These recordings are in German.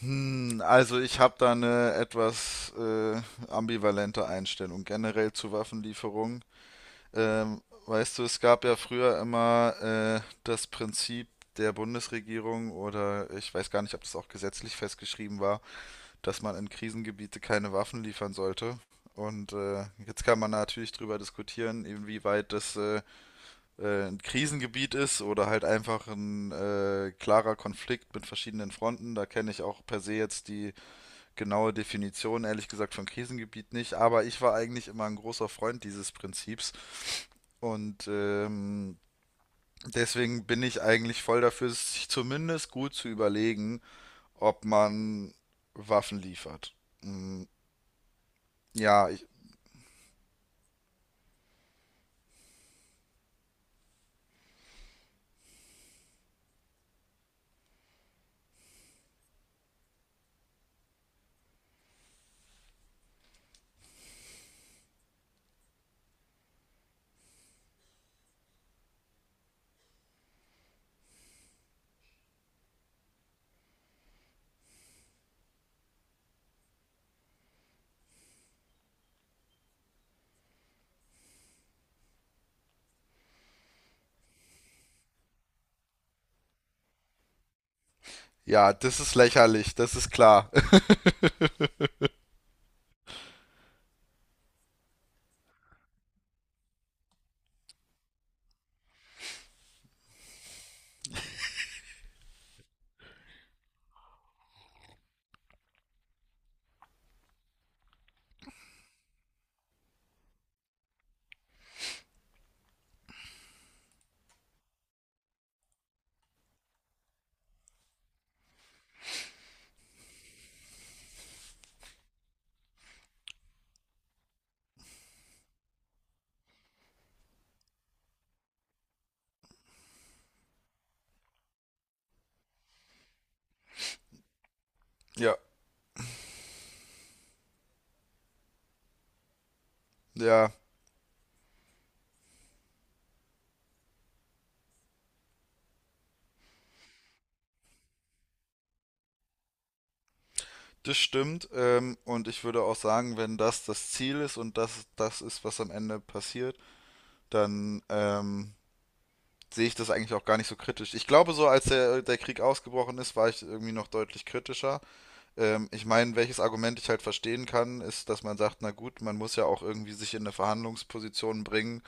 Also ich habe da eine etwas ambivalente Einstellung generell zu Waffenlieferungen. Ähm, Weißt du, es gab ja früher immer das Prinzip der Bundesregierung oder ich weiß gar nicht, ob das auch gesetzlich festgeschrieben war, dass man in Krisengebiete keine Waffen liefern sollte. Und jetzt kann man natürlich drüber diskutieren, inwieweit das ein Krisengebiet ist oder halt einfach ein klarer Konflikt mit verschiedenen Fronten. Da kenne ich auch per se jetzt die genaue Definition, ehrlich gesagt, von Krisengebiet nicht, aber ich war eigentlich immer ein großer Freund dieses Prinzips und deswegen bin ich eigentlich voll dafür, sich zumindest gut zu überlegen, ob man Waffen liefert. Mm, Ja, ich, ja, das ist lächerlich, das ist klar. Ja, ja, das stimmt. Und ich würde auch sagen, wenn das das Ziel ist und das das ist, was am Ende passiert, dann sehe ich das eigentlich auch gar nicht so kritisch. Ich glaube, so als der Krieg ausgebrochen ist, war ich irgendwie noch deutlich kritischer. Ich meine, welches Argument ich halt verstehen kann, ist, dass man sagt, na gut, man muss ja auch irgendwie sich in eine Verhandlungsposition bringen,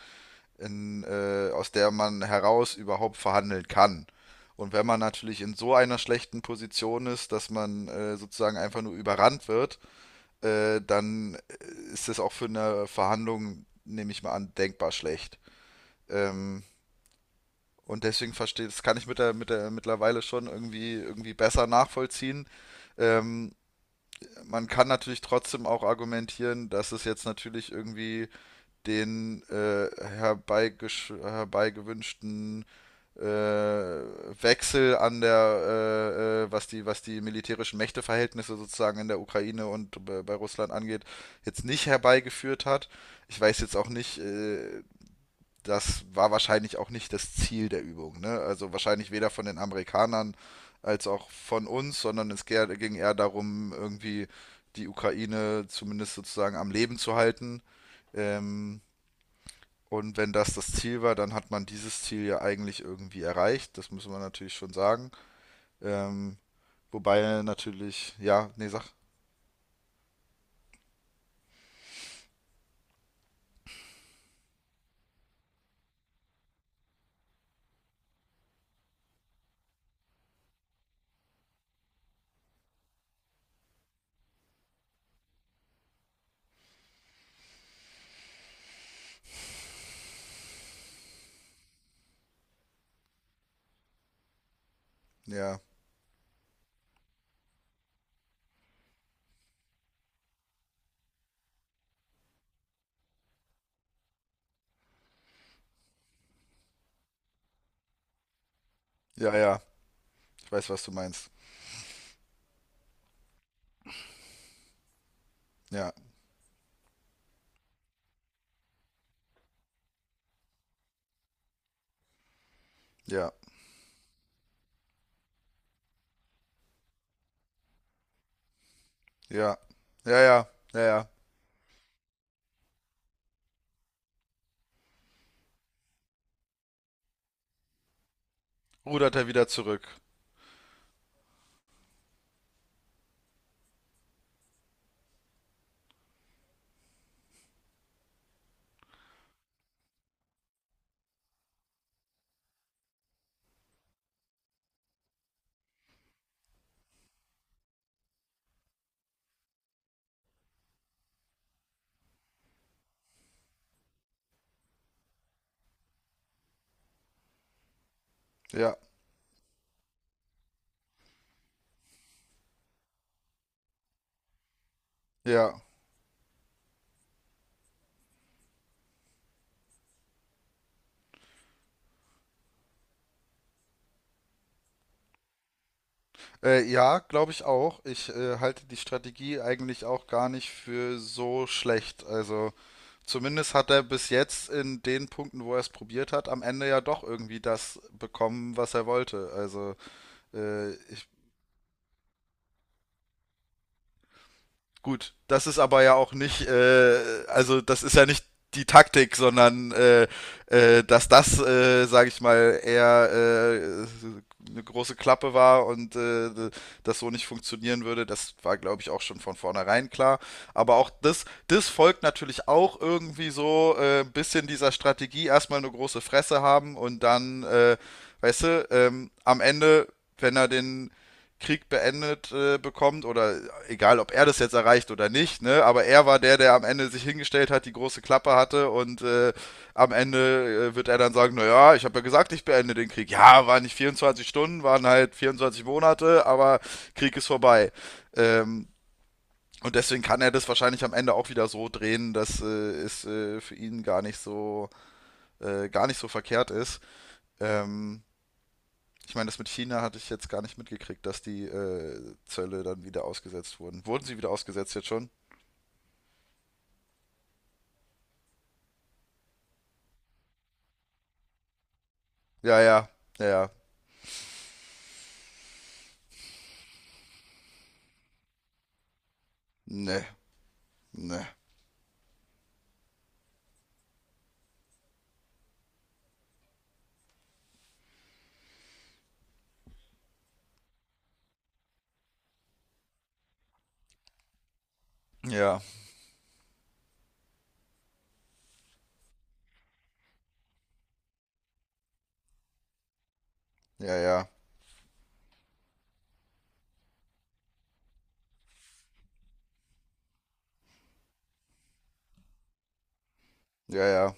aus der man heraus überhaupt verhandeln kann. Und wenn man natürlich in so einer schlechten Position ist, dass man sozusagen einfach nur überrannt wird, dann ist das auch für eine Verhandlung, nehme ich mal an, denkbar schlecht. Ähm, und deswegen verstehe, das kann ich mit der mittlerweile schon irgendwie besser nachvollziehen. Ähm, Man kann natürlich trotzdem auch argumentieren, dass es jetzt natürlich irgendwie den herbeigewünschten Wechsel an was die militärischen Mächteverhältnisse sozusagen in der Ukraine und bei, bei Russland angeht, jetzt nicht herbeigeführt hat. Ich weiß jetzt auch nicht, das war wahrscheinlich auch nicht das Ziel der Übung. Ne? Also wahrscheinlich weder von den Amerikanern als auch von uns, sondern es ging eher darum, irgendwie die Ukraine zumindest sozusagen am Leben zu halten. Ähm, und wenn das das Ziel war, dann hat man dieses Ziel ja eigentlich irgendwie erreicht. Das müssen wir natürlich schon sagen. Ähm, wobei natürlich, ja, nee, sag, ja, ja, ja, ich weiß, was du meinst. Ja, ja, ja, ja, ja, ja, ja. Rudert er wieder zurück. Ja, ja, ja, glaube ich auch. Ich halte die Strategie eigentlich auch gar nicht für so schlecht. Also zumindest hat er bis jetzt in den Punkten, wo er es probiert hat, am Ende ja doch irgendwie das bekommen, was er wollte. Also ich. Gut, das ist aber ja auch nicht, also das ist ja nicht die Taktik, sondern dass das, sage ich mal, eher äh, eine große Klappe war und das so nicht funktionieren würde, das war, glaube ich, auch schon von vornherein klar. Aber auch das, das folgt natürlich auch irgendwie so ein bisschen dieser Strategie, erstmal eine große Fresse haben und dann, weißt du, am Ende, wenn er den Krieg beendet bekommt oder egal, ob er das jetzt erreicht oder nicht, ne? Aber er war der, der am Ende sich hingestellt hat, die große Klappe hatte und am Ende wird er dann sagen, naja, ich habe ja gesagt, ich beende den Krieg. Ja, waren nicht 24 Stunden, waren halt 24 Monate, aber Krieg ist vorbei. Ähm, und deswegen kann er das wahrscheinlich am Ende auch wieder so drehen, dass es für ihn gar nicht so verkehrt ist. Ähm, ich meine, das mit China hatte ich jetzt gar nicht mitgekriegt, dass die Zölle dann wieder ausgesetzt wurden. Wurden sie wieder ausgesetzt jetzt schon? Ja, ja, ja, ja. Ne, ne. Ja, ja, ja, ja, ja,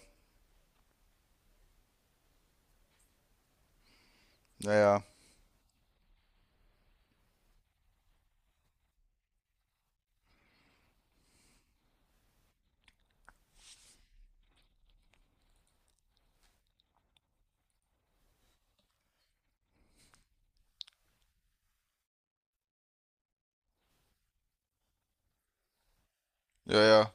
ja, ja, ja, ja.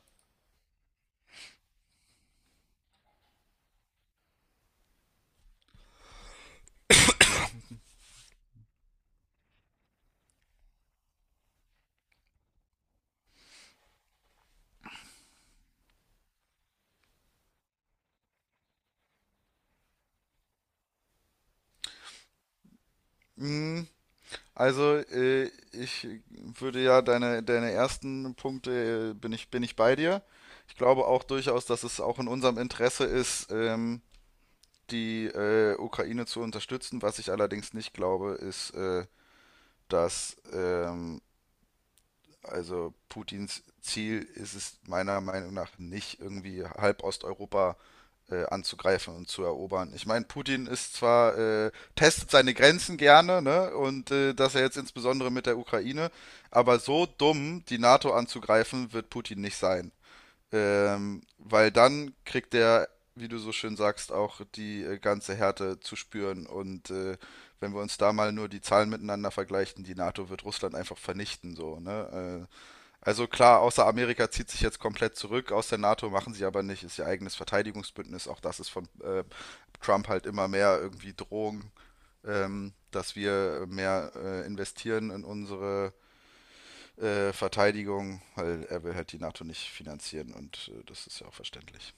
Hm, also, äh, ich würde ja deine ersten Punkte, bin ich bei dir. Ich glaube auch durchaus, dass es auch in unserem Interesse ist, die Ukraine zu unterstützen. Was ich allerdings nicht glaube, ist, dass also Putins Ziel ist es meiner Meinung nach nicht, irgendwie halb Osteuropa anzugreifen und zu erobern. Ich meine, Putin ist zwar, testet seine Grenzen gerne, ne? Und das er jetzt insbesondere mit der Ukraine, aber so dumm, die NATO anzugreifen, wird Putin nicht sein. Weil dann kriegt er, wie du so schön sagst, auch die ganze Härte zu spüren. Und wenn wir uns da mal nur die Zahlen miteinander vergleichen, die NATO wird Russland einfach vernichten, so, ne? Also klar, außer Amerika zieht sich jetzt komplett zurück aus der NATO, machen sie aber nicht, ist ihr eigenes Verteidigungsbündnis. Auch das ist von Trump halt immer mehr irgendwie Drohung, dass wir mehr investieren in unsere Verteidigung, weil er will halt die NATO nicht finanzieren und das ist ja auch verständlich.